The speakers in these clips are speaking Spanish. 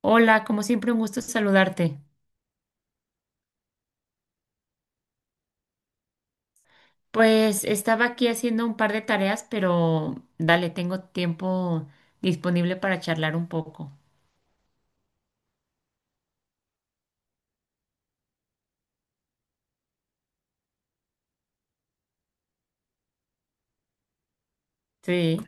Hola, como siempre, un gusto saludarte. Pues estaba aquí haciendo un par de tareas, pero dale, tengo tiempo disponible para charlar un poco. Sí,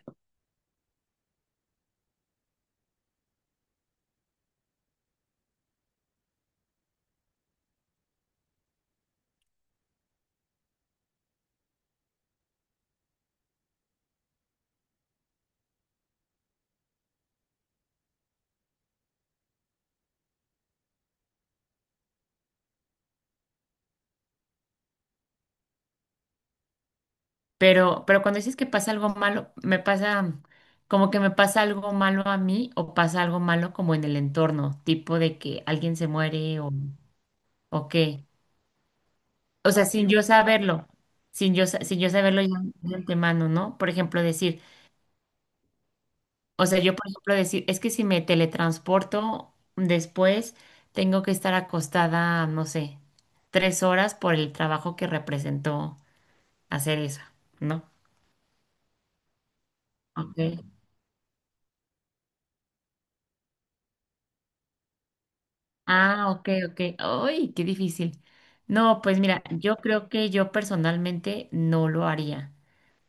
pero cuando dices que pasa algo malo, me pasa como que me pasa algo malo a mí o pasa algo malo como en el entorno, tipo de que alguien se muere o qué. O sea, sin yo saberlo ya de antemano, ¿no? Por ejemplo, decir o sea, yo, por ejemplo, decir, es que si me teletransporto después, tengo que estar acostada, no sé, 3 horas por el trabajo que representó hacer eso, ¿no? Ok. Ah, ok, ok. ¡Ay, qué difícil! No, pues mira, yo creo que yo personalmente no lo haría,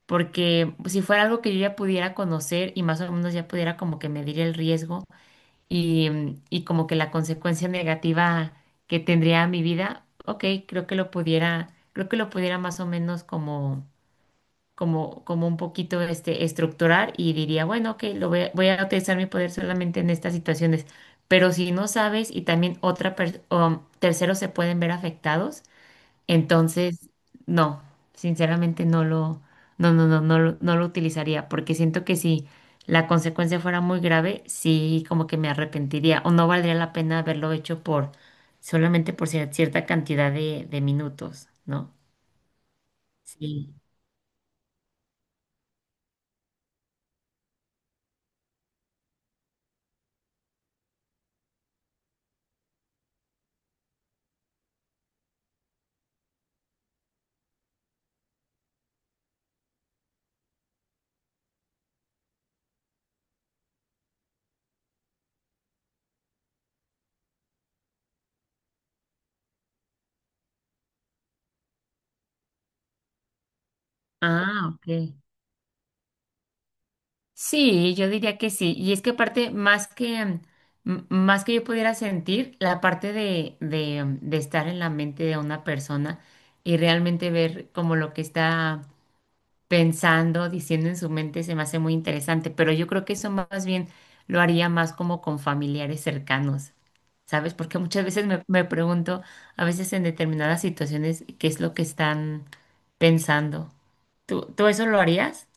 porque si fuera algo que yo ya pudiera conocer y más o menos ya pudiera como que medir el riesgo, y como que la consecuencia negativa que tendría a mi vida, ok, creo que lo pudiera más o menos como un poquito estructurar y diría, bueno, ok, lo voy a utilizar mi poder solamente en estas situaciones. Pero si no sabes y también o terceros se pueden ver afectados, entonces, no, sinceramente no lo, no, no, no, no, lo- no lo utilizaría, porque siento que si la consecuencia fuera muy grave, sí como que me arrepentiría o no valdría la pena haberlo hecho por solamente por cierta cantidad de minutos, ¿no? Sí. Ah, ok. Sí, yo diría que sí. Y es que aparte, más que yo pudiera sentir, la parte de estar en la mente de una persona y realmente ver como lo que está pensando, diciendo en su mente, se me hace muy interesante, pero yo creo que eso más bien lo haría más como con familiares cercanos, ¿sabes? Porque muchas veces me pregunto, a veces en determinadas situaciones, qué es lo que están pensando. ¿Tú eso lo harías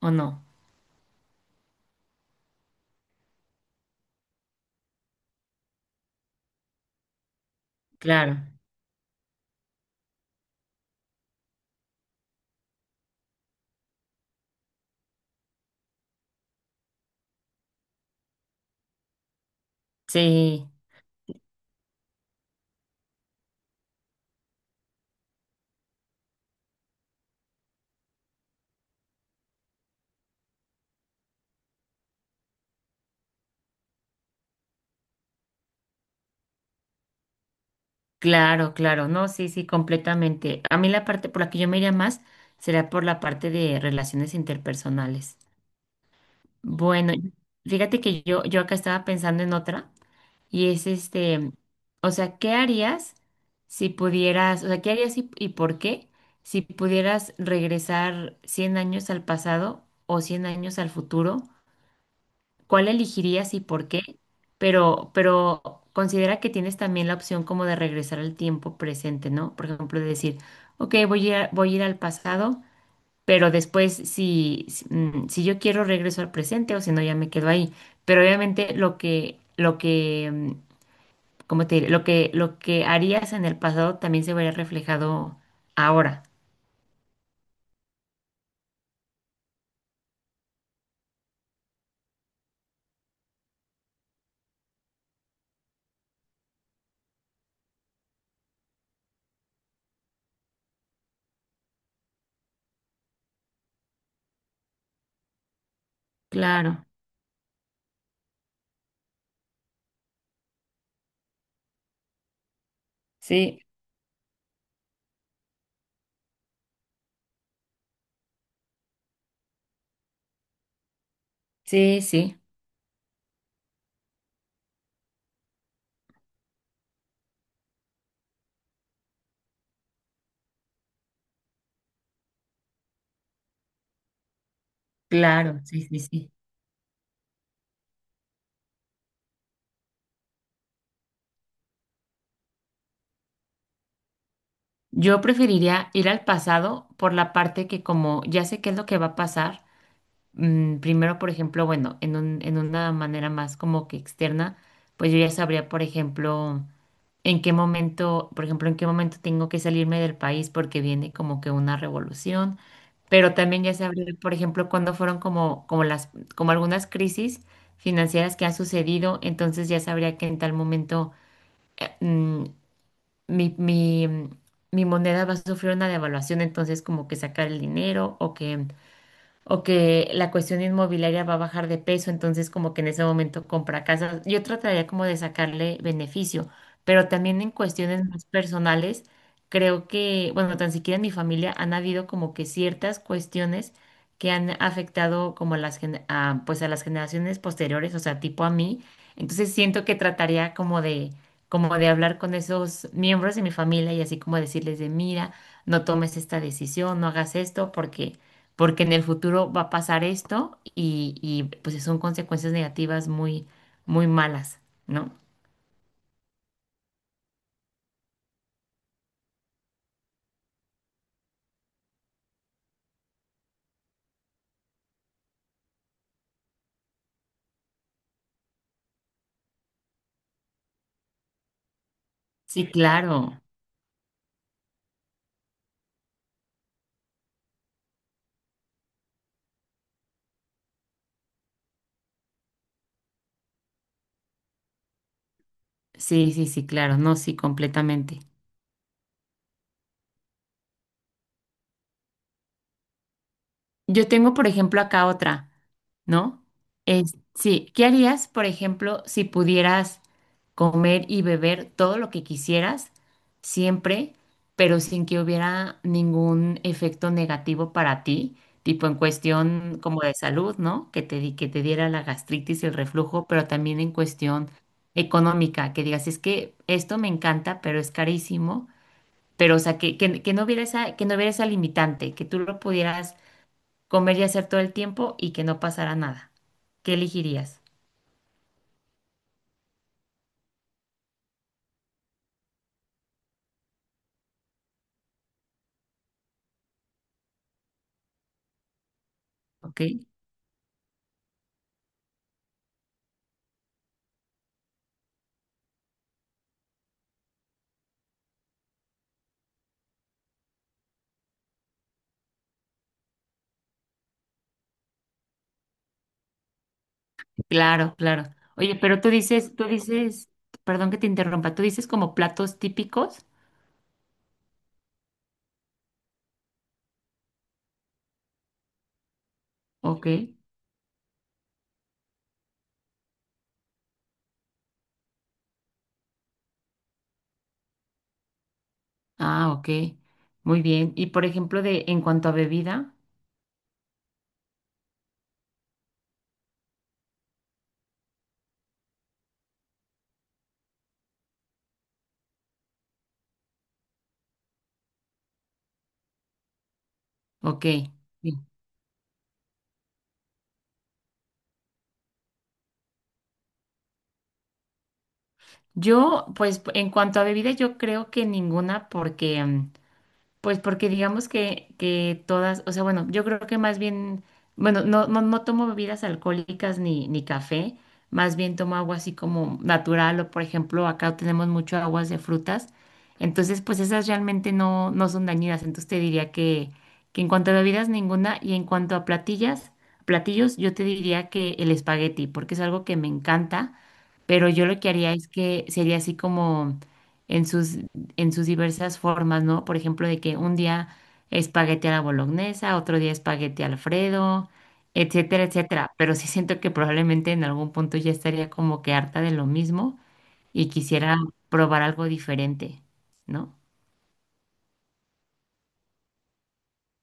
o no? Claro, sí, claro, claro, no, sí, sí, completamente. A mí la parte por la que yo me iría más será por la parte de relaciones interpersonales. Bueno, fíjate que yo acá estaba pensando en otra. Y es o sea, ¿qué harías si pudieras, o sea, qué harías y por qué si pudieras regresar 100 años al pasado o 100 años al futuro? ¿Cuál elegirías y por qué? Pero considera que tienes también la opción como de regresar al tiempo presente, ¿no? Por ejemplo, de decir, ok, voy a ir al pasado, pero después si yo quiero regreso al presente o si no, ya me quedo ahí. Pero obviamente lo que como te diré, lo que harías en el pasado también se vería reflejado ahora. Claro, sí, sí, sí, claro, sí, sí, sí. Yo preferiría ir al pasado por la parte que como ya sé qué es lo que va a pasar, primero, por ejemplo, bueno, en una manera más como que externa, pues yo ya sabría, por ejemplo, en qué momento, por ejemplo, en qué momento tengo que salirme del país porque viene como que una revolución, pero también ya se por ejemplo, cuando fueron como algunas crisis financieras que han sucedido, entonces ya sabría que en tal momento mm, mi, mi, mm, mi moneda va a sufrir una devaluación, entonces como que sacar el dinero o que la cuestión inmobiliaria va a bajar de peso, entonces como que en ese momento compra casas. Yo trataría como de sacarle beneficio, pero también en cuestiones más personales, creo que, bueno, tan siquiera en mi familia han habido como que ciertas cuestiones que han afectado como a las, pues a las generaciones posteriores, o sea, tipo a mí. Entonces siento que trataría como de hablar con esos miembros de mi familia y así como decirles de, mira, no tomes esta decisión, no hagas esto, porque en el futuro va a pasar esto y, pues son consecuencias negativas muy, muy malas, ¿no? Sí, claro. Sí, sí, sí, claro. No, sí, completamente. Yo tengo, por ejemplo, acá otra, ¿no? Sí, ¿qué harías, por ejemplo, si pudieras comer y beber todo lo que quisieras, siempre, pero sin que hubiera ningún efecto negativo para ti, tipo en cuestión como de salud, ¿no? Que te diera la gastritis y el reflujo, pero también en cuestión económica, que digas, es que esto me encanta, pero es carísimo, pero o sea, que no hubiera esa limitante, que tú lo pudieras comer y hacer todo el tiempo y que no pasara nada. ¿Qué elegirías? ¿Ok? Claro, claro. Oye, pero tú dices, perdón que te interrumpa, tú dices como platos típicos. Ok. Ah, ok. Muy bien. Y por ejemplo, de en cuanto a bebida, ok. Sí. Yo, pues, en cuanto a bebida, yo creo que ninguna, porque mm, Pues porque digamos que todas, o sea, bueno, yo creo que más bien, bueno, no tomo bebidas alcohólicas ni café, más bien tomo agua así como natural o por ejemplo acá tenemos mucho aguas de frutas, entonces pues esas realmente no son dañinas, entonces te diría que en cuanto a bebidas ninguna y en cuanto a platillos yo te diría que el espagueti, porque es algo que me encanta pero yo lo que haría es que sería así como en sus, en sus diversas formas, ¿no? Por ejemplo, de que un día espagueti a la bolognesa, otro día espagueti Alfredo, etcétera, etcétera. Pero sí siento que probablemente en algún punto ya estaría como que harta de lo mismo y quisiera probar algo diferente, ¿no?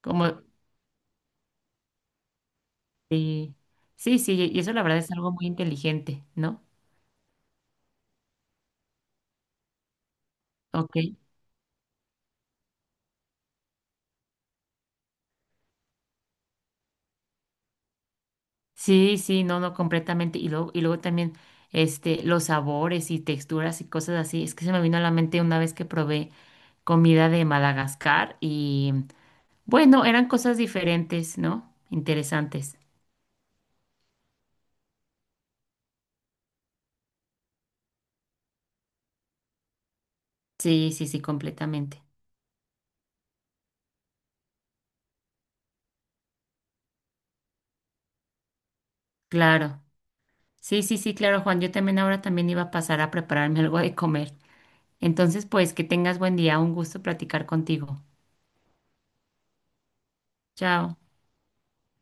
Como, sí, sí, sí, y eso la verdad es algo muy inteligente, ¿no? Ok. Sí, sí, no, no, completamente. Y luego también los sabores y texturas y cosas así. Es que se me vino a la mente una vez que probé comida de Madagascar y bueno, eran cosas diferentes, ¿no? Interesantes. Sí, sí, sí, completamente. Claro. Sí, sí, sí, claro, Juan. Yo también ahora también iba a pasar a prepararme algo de comer. Entonces, pues que tengas buen día. Un gusto platicar contigo. Chao.